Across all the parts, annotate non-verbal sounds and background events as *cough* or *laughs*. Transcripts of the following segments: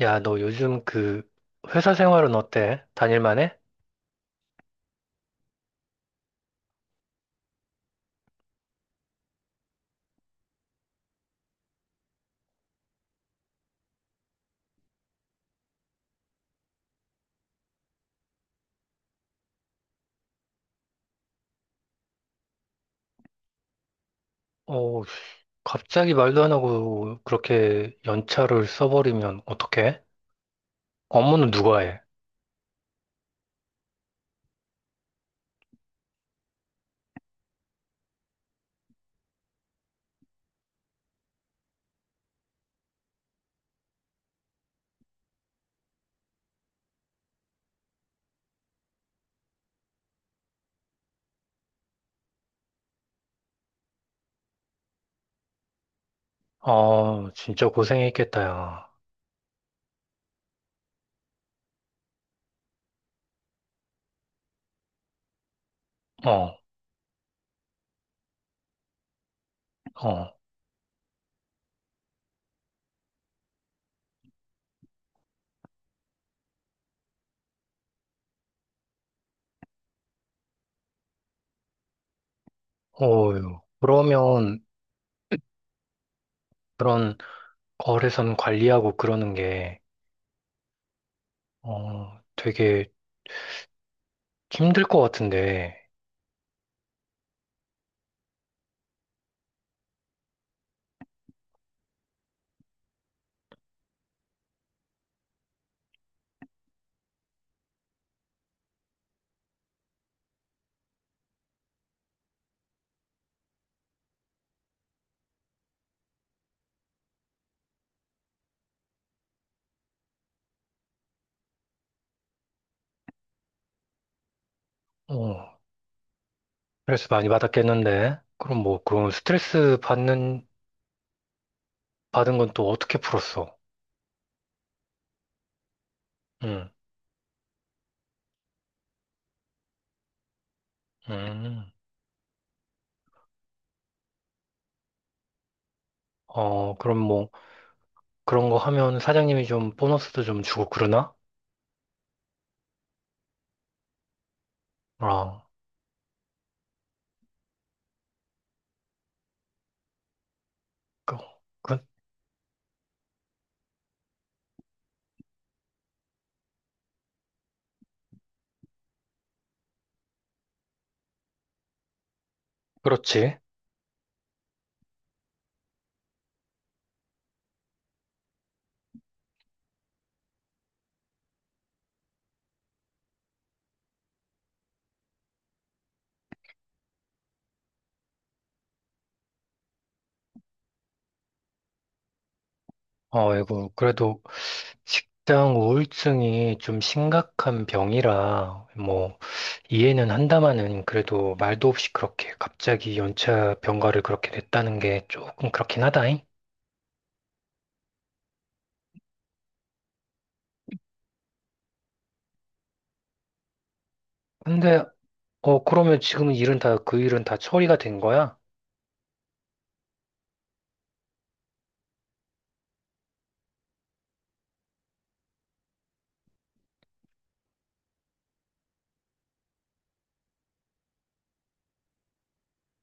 야, 너 요즘 그 회사 생활은 어때? 다닐만해? 어, 갑자기 말도 안 하고 그렇게 연차를 써버리면 어떡해? 업무는 누가 해? 어, 진짜 고생했겠다, 야. 어, 어, 어휴. 그러면 그런 거래선 관리하고 그러는 게, 어, 되게 힘들 것 같은데, 어, 스트레스 많이 받았겠는데? 그럼 뭐, 그런 스트레스 받은 건 또 어떻게 풀었어? 응, 음. 어, 그럼 뭐, 그런 거 하면 사장님이 좀 보너스도 좀 주고 그러나? 아, 그, 그, 그렇지. 어, 이거, 그래도 식당 우울증이 좀 심각한 병이라, 뭐, 이해는 한다마는 그래도 말도 없이 그렇게 갑자기 연차 병가를 그렇게 냈다는 게 조금 그렇긴 하다잉. 근데, 어, 그러면 지금 그 일은 다 처리가 된 거야?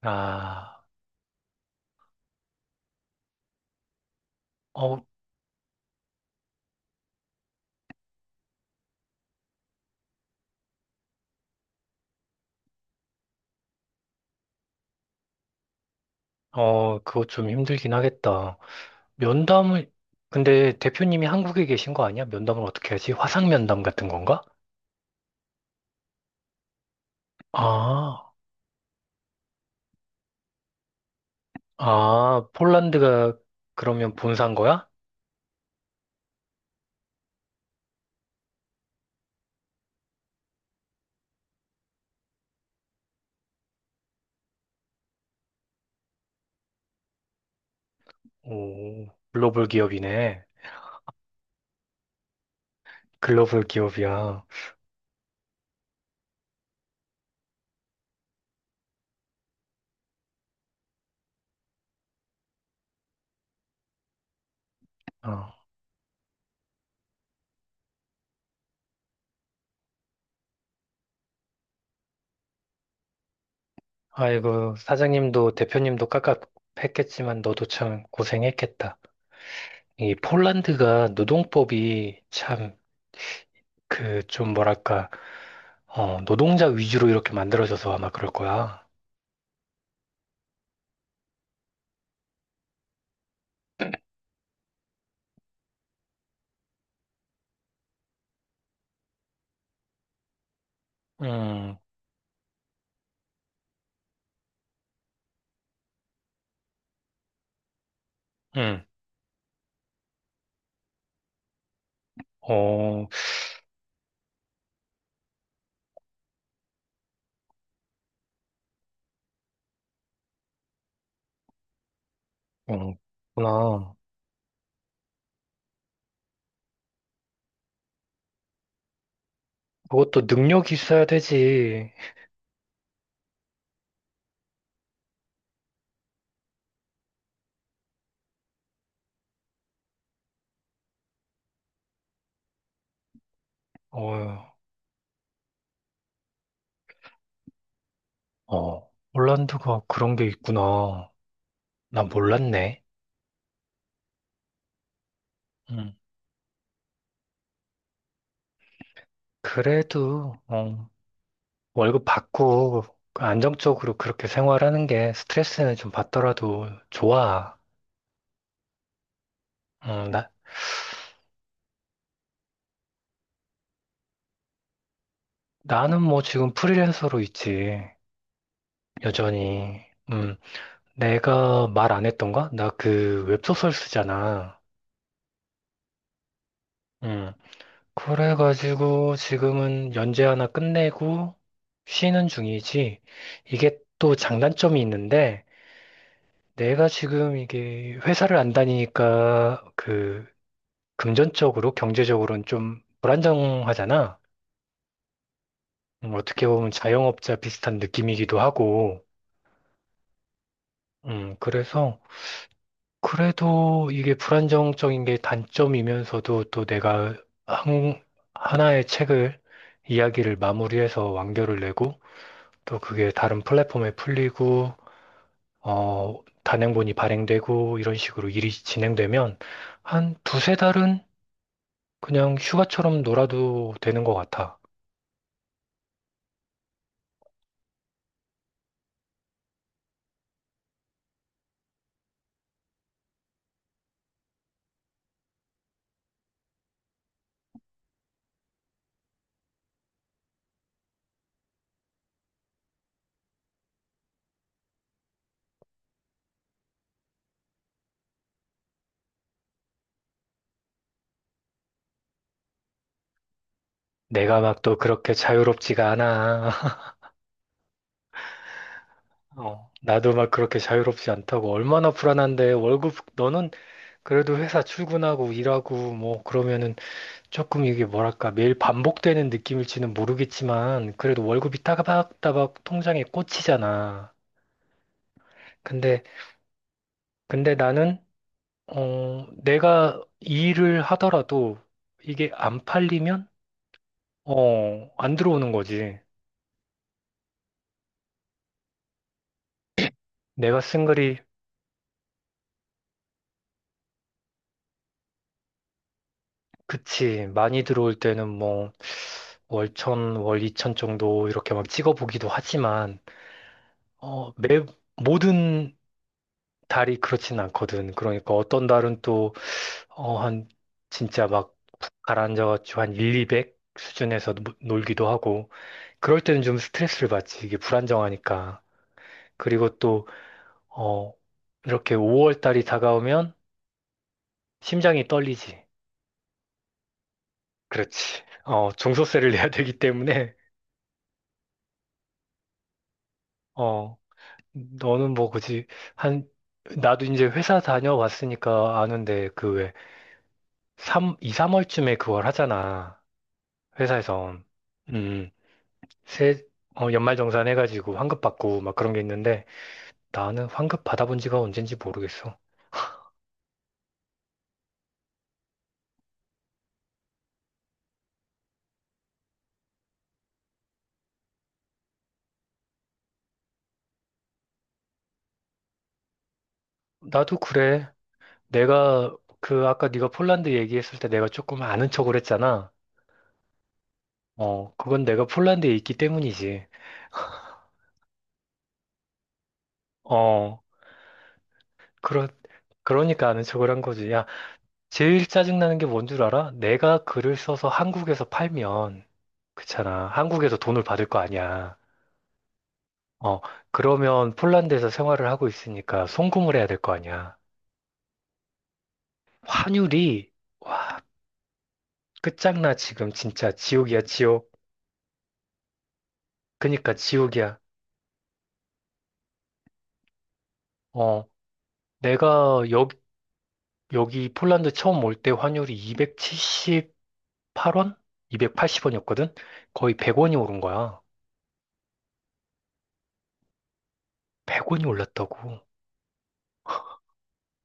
아, 어, 어, 그거 좀 힘들긴 하겠다. 면담을, 근데 대표님이 한국에 계신 거 아니야? 면담을 어떻게 하지? 화상 면담 같은 건가? 아, 아, 폴란드가 그러면 본사인 거야? 오, 글로벌 기업이네. 글로벌 기업이야. 어. 아이고, 사장님도 대표님도 깝깝했겠지만 너도 참 고생했겠다. 이 폴란드가 노동법이 참 그 좀 뭐랄까, 어, 노동자 위주로 이렇게 만들어져서 아마 그럴 거야. 음, 음. 어, 어, 그렇구나. 그것도 능력이 있어야 되지. 어, 어, 홀란드가 그런 게 있구나. 나 몰랐네. 음. 그래도, 어, 월급 받고 그 안정적으로 그렇게 생활하는 게 스트레스는 좀 받더라도 좋아. 음, 나, 나는 뭐 지금 프리랜서로 있지. 여전히. 음, 내가 말 안 했던가? 나 그 웹소설 쓰잖아. 음. 그래가지고 지금은 연재 하나 끝내고 쉬는 중이지. 이게 또 장단점이 있는데 내가 지금 이게 회사를 안 다니니까 그 금전적으로 경제적으로는 좀 불안정하잖아. 어떻게 보면 자영업자 비슷한 느낌이기도 하고. 그래서 그래도 이게 불안정적인 게 단점이면서도 또 내가 한, 하나의 책을 이야기를 마무리해서 완결을 내고 또 그게 다른 플랫폼에 풀리고, 어, 단행본이 발행되고, 이런 식으로 일이 진행되면 한 두세 달은 그냥 휴가처럼 놀아도 되는 것 같아. 내가 막 또 그렇게 자유롭지가 않아. *laughs* 어, 나도 막 그렇게 자유롭지 않다고. 얼마나 불안한데, 월급, 너는 그래도 회사 출근하고 일하고 뭐 그러면은 조금 이게 뭐랄까, 매일 반복되는 느낌일지는 모르겠지만, 그래도 월급이 따박따박 통장에 꽂히잖아. 근데 나는 어, 내가 이 일을 하더라도 이게 안 팔리면, 어, 안 들어오는 거지. 내가 쓴 글이, 그치, 많이 들어올 때는 뭐, 월천, 월이천 정도 이렇게 막 찍어보기도 하지만, 어, 모든 달이 그렇진 않거든. 그러니까 어떤 달은 또, 어, 한, 진짜 막 푹 가라앉아가지고 한 1, 200 수준에서 놀기도 하고, 그럴 때는 좀 스트레스를 받지. 이게 불안정하니까. 그리고 또, 어, 이렇게 5월 달이 다가오면 심장이 떨리지. 그렇지. 어, 종소세를 *laughs* 내야 되기 때문에, 어, 너는 뭐 굳이 한, 나도 이제 회사 다녀왔으니까 아는데 그 왜, 삼 2, 3월쯤에 그걸 하잖아. 회사에서. 음, 세, 어, 연말정산 해가지고 환급 받고 막 그런 게 있는데 나는 환급 받아본 지가 언젠지 모르겠어. 나도 그래. 내가 그 아까 네가 폴란드 얘기했을 때 내가 조금 아는 척을 했잖아. 어, 그건 내가 폴란드에 있기 때문이지. 어, 그러, 그러니까 아는 척을 한 거지. 야, 제일 짜증나는 게 뭔 줄 알아? 내가 글을 써서 한국에서 팔면, 그렇잖아. 한국에서 돈을 받을 거 아니야. 어, 그러면 폴란드에서 생활을 하고 있으니까 송금을 해야 될 거 아니야. 환율이, 와, 끝장나, 지금. 진짜 지옥이야, 지옥. 그니까 지옥이야. 어, 내가 여기 폴란드 처음 올 때 환율이 270, 8원? 280원이었거든? 거의 100원이 오른 거야. 100원이 올랐다고.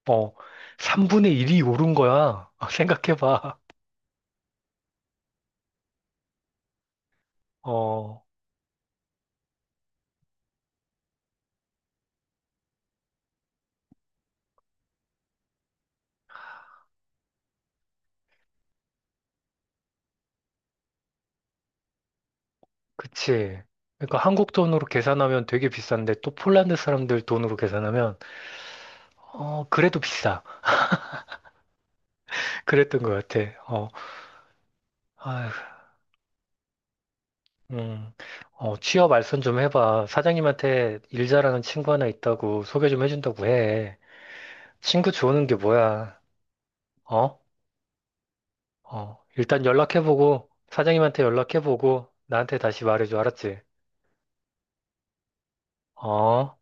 어, 3분의 1이 오른 거야. *laughs* 생각해봐. 어, 그치. 그러니까 한국 돈으로 계산하면 되게 비싼데 또 폴란드 사람들 돈으로 계산하면 어, 그래도 비싸. *laughs* 그랬던 것 같아. 어, 아휴, 음, 어, 취업 알선 좀 해봐. 사장님한테 일 잘하는 친구 하나 있다고 소개 좀 해준다고 해. 친구 좋은 게 뭐야? 어? 어, 일단 연락해보고, 사장님한테 연락해보고, 나한테 다시 말해줘, 알았지? 어?